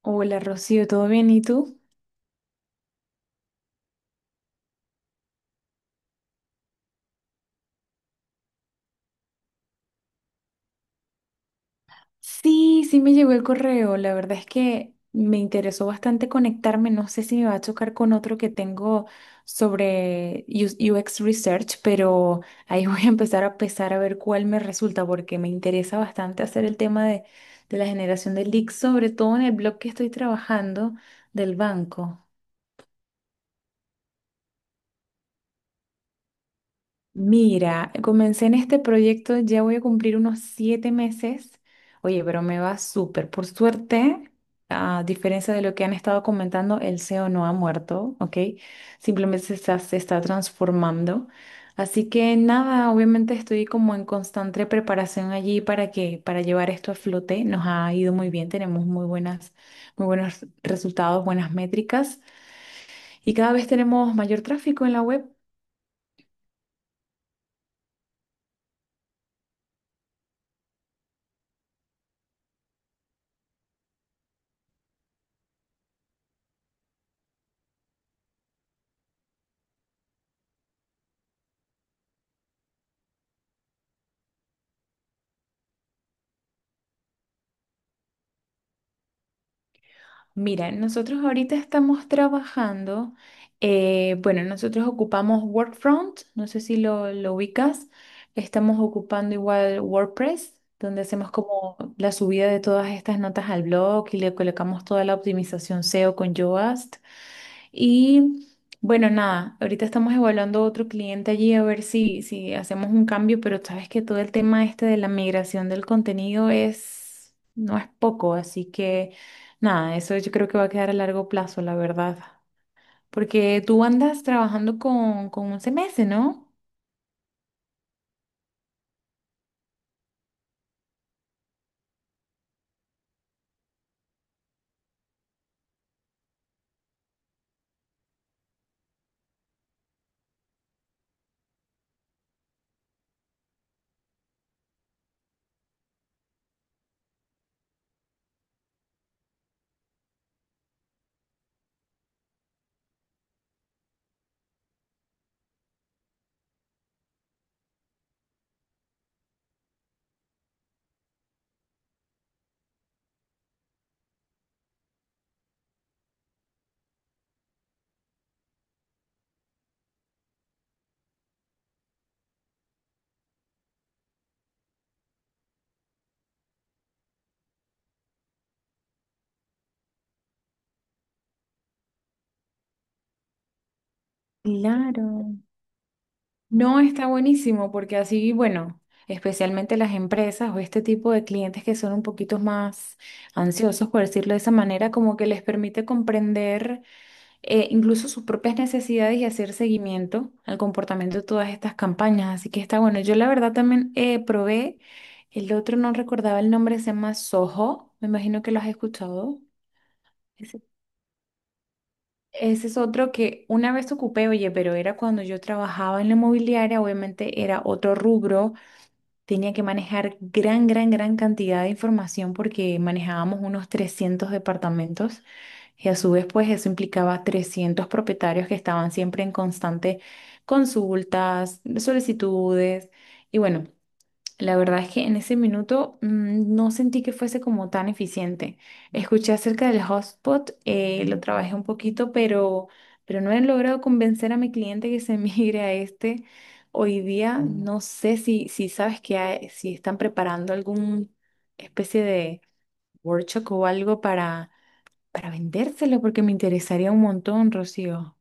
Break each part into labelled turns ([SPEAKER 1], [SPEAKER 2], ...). [SPEAKER 1] Hola Rocío, ¿todo bien? ¿Y tú? Sí, me llegó el correo. La verdad es que me interesó bastante conectarme. No sé si me va a chocar con otro que tengo sobre UX Research, pero ahí voy a empezar a pesar a ver cuál me resulta porque me interesa bastante hacer el tema de la generación de leads, sobre todo en el blog que estoy trabajando del banco. Mira, comencé en este proyecto, ya voy a cumplir unos 7 meses. Oye, pero me va súper. Por suerte, a diferencia de lo que han estado comentando, el SEO no ha muerto, ¿ok? Simplemente se está transformando. Así que nada, obviamente estoy como en constante preparación allí para para llevar esto a flote. Nos ha ido muy bien, tenemos muy muy buenos resultados, buenas métricas y cada vez tenemos mayor tráfico en la web. Mira, nosotros ahorita estamos trabajando, bueno, nosotros ocupamos Workfront, no sé si lo ubicas, estamos ocupando igual WordPress, donde hacemos como la subida de todas estas notas al blog y le colocamos toda la optimización SEO con Yoast. Y bueno, nada, ahorita estamos evaluando otro cliente allí a ver si hacemos un cambio, pero sabes que todo el tema este de la migración del contenido es, no es poco, así que nada, eso yo creo que va a quedar a largo plazo, la verdad. Porque tú andas trabajando con 11 meses, ¿no? Claro. No está buenísimo porque así, bueno, especialmente las empresas o este tipo de clientes que son un poquito más ansiosos, por decirlo de esa manera, como que les permite comprender incluso sus propias necesidades y hacer seguimiento al comportamiento de todas estas campañas. Así que está bueno. Yo la verdad también probé, el otro no recordaba el nombre, se llama Soho, me imagino que lo has escuchado. Ese Ese es otro que una vez ocupé, oye, pero era cuando yo trabajaba en la inmobiliaria, obviamente era otro rubro. Tenía que manejar gran, gran, gran cantidad de información porque manejábamos unos 300 departamentos y a su vez pues eso implicaba 300 propietarios que estaban siempre en constante consultas, solicitudes y bueno, la verdad es que en ese minuto no sentí que fuese como tan eficiente. Escuché acerca del hotspot, lo trabajé un poquito, pero no he logrado convencer a mi cliente que se migre a este. Hoy día no sé si sabes que si están preparando alguna especie de workshop o algo para vendérselo, porque me interesaría un montón, Rocío.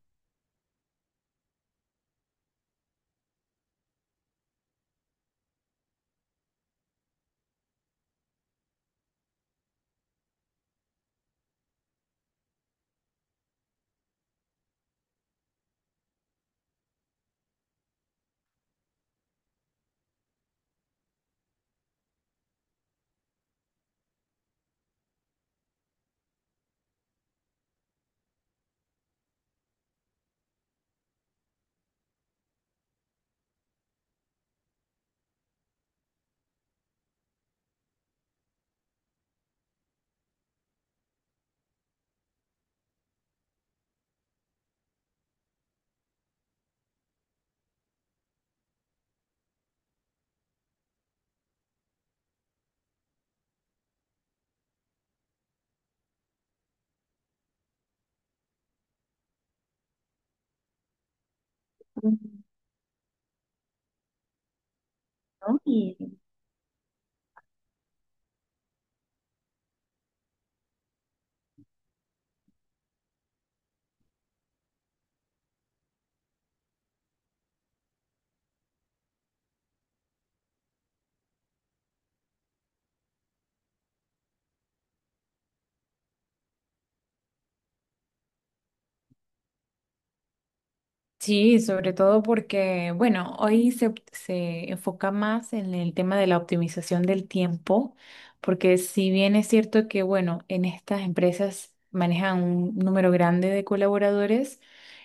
[SPEAKER 1] Sí, sobre todo porque, bueno, hoy se enfoca más en el tema de la optimización del tiempo, porque si bien es cierto que, bueno, en estas empresas manejan un número grande de colaboradores,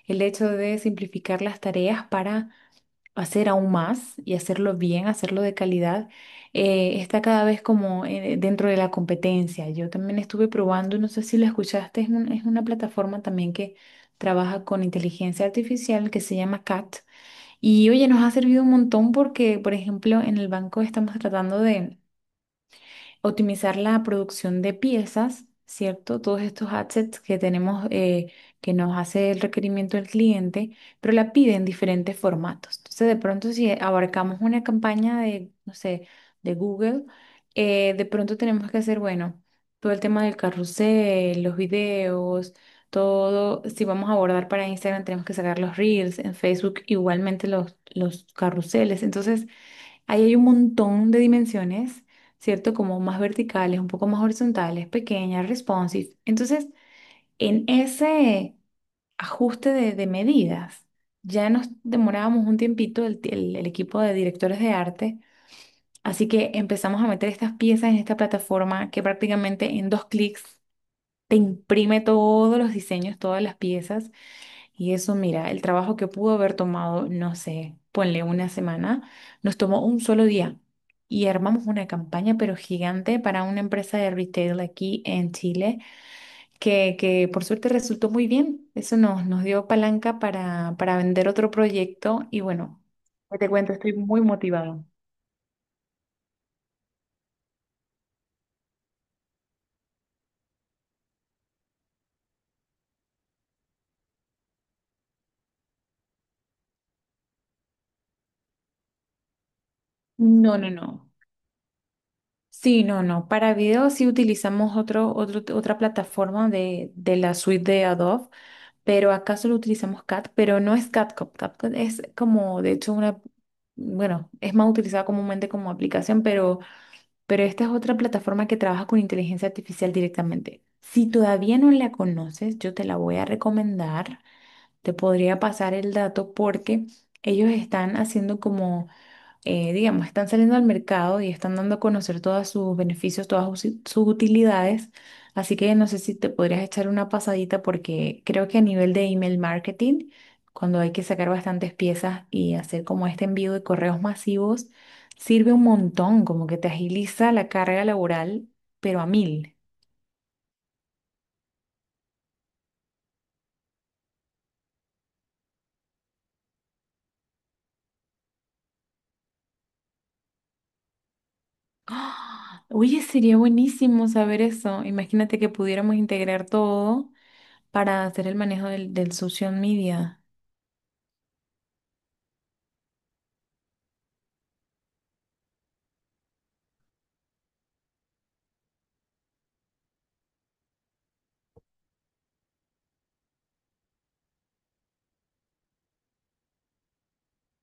[SPEAKER 1] el hecho de simplificar las tareas para hacer aún más y hacerlo bien, hacerlo de calidad, está cada vez como dentro de la competencia. Yo también estuve probando, no sé si lo escuchaste, es, es una plataforma también que trabaja con inteligencia artificial que se llama CAT. Y oye, nos ha servido un montón porque, por ejemplo, en el banco estamos tratando de optimizar la producción de piezas, ¿cierto? Todos estos assets que tenemos, que nos hace el requerimiento del cliente, pero la pide en diferentes formatos. Entonces, de pronto, si abarcamos una campaña de, no sé, de Google, de pronto tenemos que hacer, bueno, todo el tema del carrusel, los videos. Todo, si vamos a abordar para Instagram, tenemos que sacar los reels, en Facebook igualmente los carruseles. Entonces, ahí hay un montón de dimensiones, ¿cierto? Como más verticales, un poco más horizontales, pequeñas, responsive. Entonces, en ese ajuste de medidas, ya nos demorábamos un tiempito el equipo de directores de arte, así que empezamos a meter estas piezas en esta plataforma que prácticamente en dos clics te imprime todos los diseños, todas las piezas. Y eso, mira, el trabajo que pudo haber tomado, no sé, ponle una semana, nos tomó un solo día. Y armamos una campaña, pero gigante, para una empresa de retail aquí en Chile, que por suerte resultó muy bien. Eso nos dio palanca para vender otro proyecto. Y bueno, ¿qué te cuento? Estoy muy motivado. No, no, no. Sí, no, no. Para video sí utilizamos otra plataforma de la suite de Adobe. Pero acá solo utilizamos cat, pero no es CatCut. CatCut es como, de hecho, una, bueno, es más utilizada comúnmente como aplicación, pero esta es otra plataforma que trabaja con inteligencia artificial directamente. Si todavía no la conoces, yo te la voy a recomendar. Te podría pasar el dato porque ellos están haciendo como digamos, están saliendo al mercado y están dando a conocer todos sus beneficios, todas sus utilidades. Así que no sé si te podrías echar una pasadita porque creo que a nivel de email marketing, cuando hay que sacar bastantes piezas y hacer como este envío de correos masivos, sirve un montón, como que te agiliza la carga laboral, pero a mil. ¡Ah! Oye, sería buenísimo saber eso. Imagínate que pudiéramos integrar todo para hacer el manejo del social media.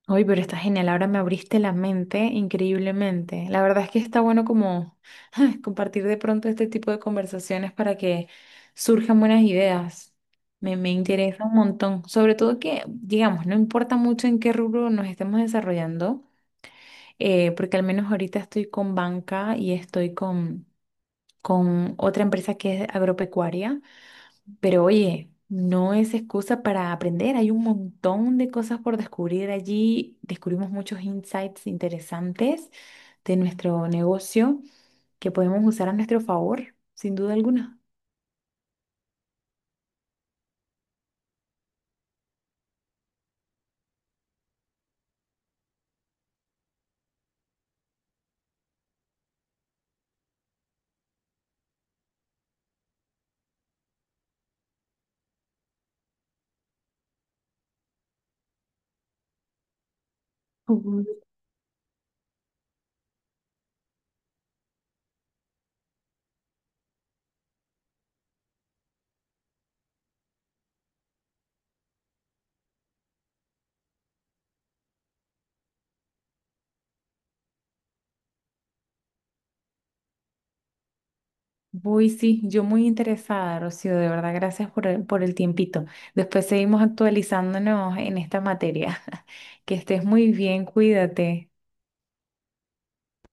[SPEAKER 1] Oye, pero está genial, ahora me abriste la mente increíblemente. La verdad es que está bueno como compartir de pronto este tipo de conversaciones para que surjan buenas ideas. Me interesa un montón, sobre todo que, digamos, no importa mucho en qué rubro nos estemos desarrollando, porque al menos ahorita estoy con banca y estoy con otra empresa que es agropecuaria. Pero oye, no es excusa para aprender, hay un montón de cosas por descubrir allí, descubrimos muchos insights interesantes de nuestro negocio que podemos usar a nuestro favor, sin duda alguna. Ujú. Voy, sí, yo muy interesada, Rocío, de verdad, gracias por por el tiempito. Después seguimos actualizándonos en esta materia. Que estés muy bien, cuídate.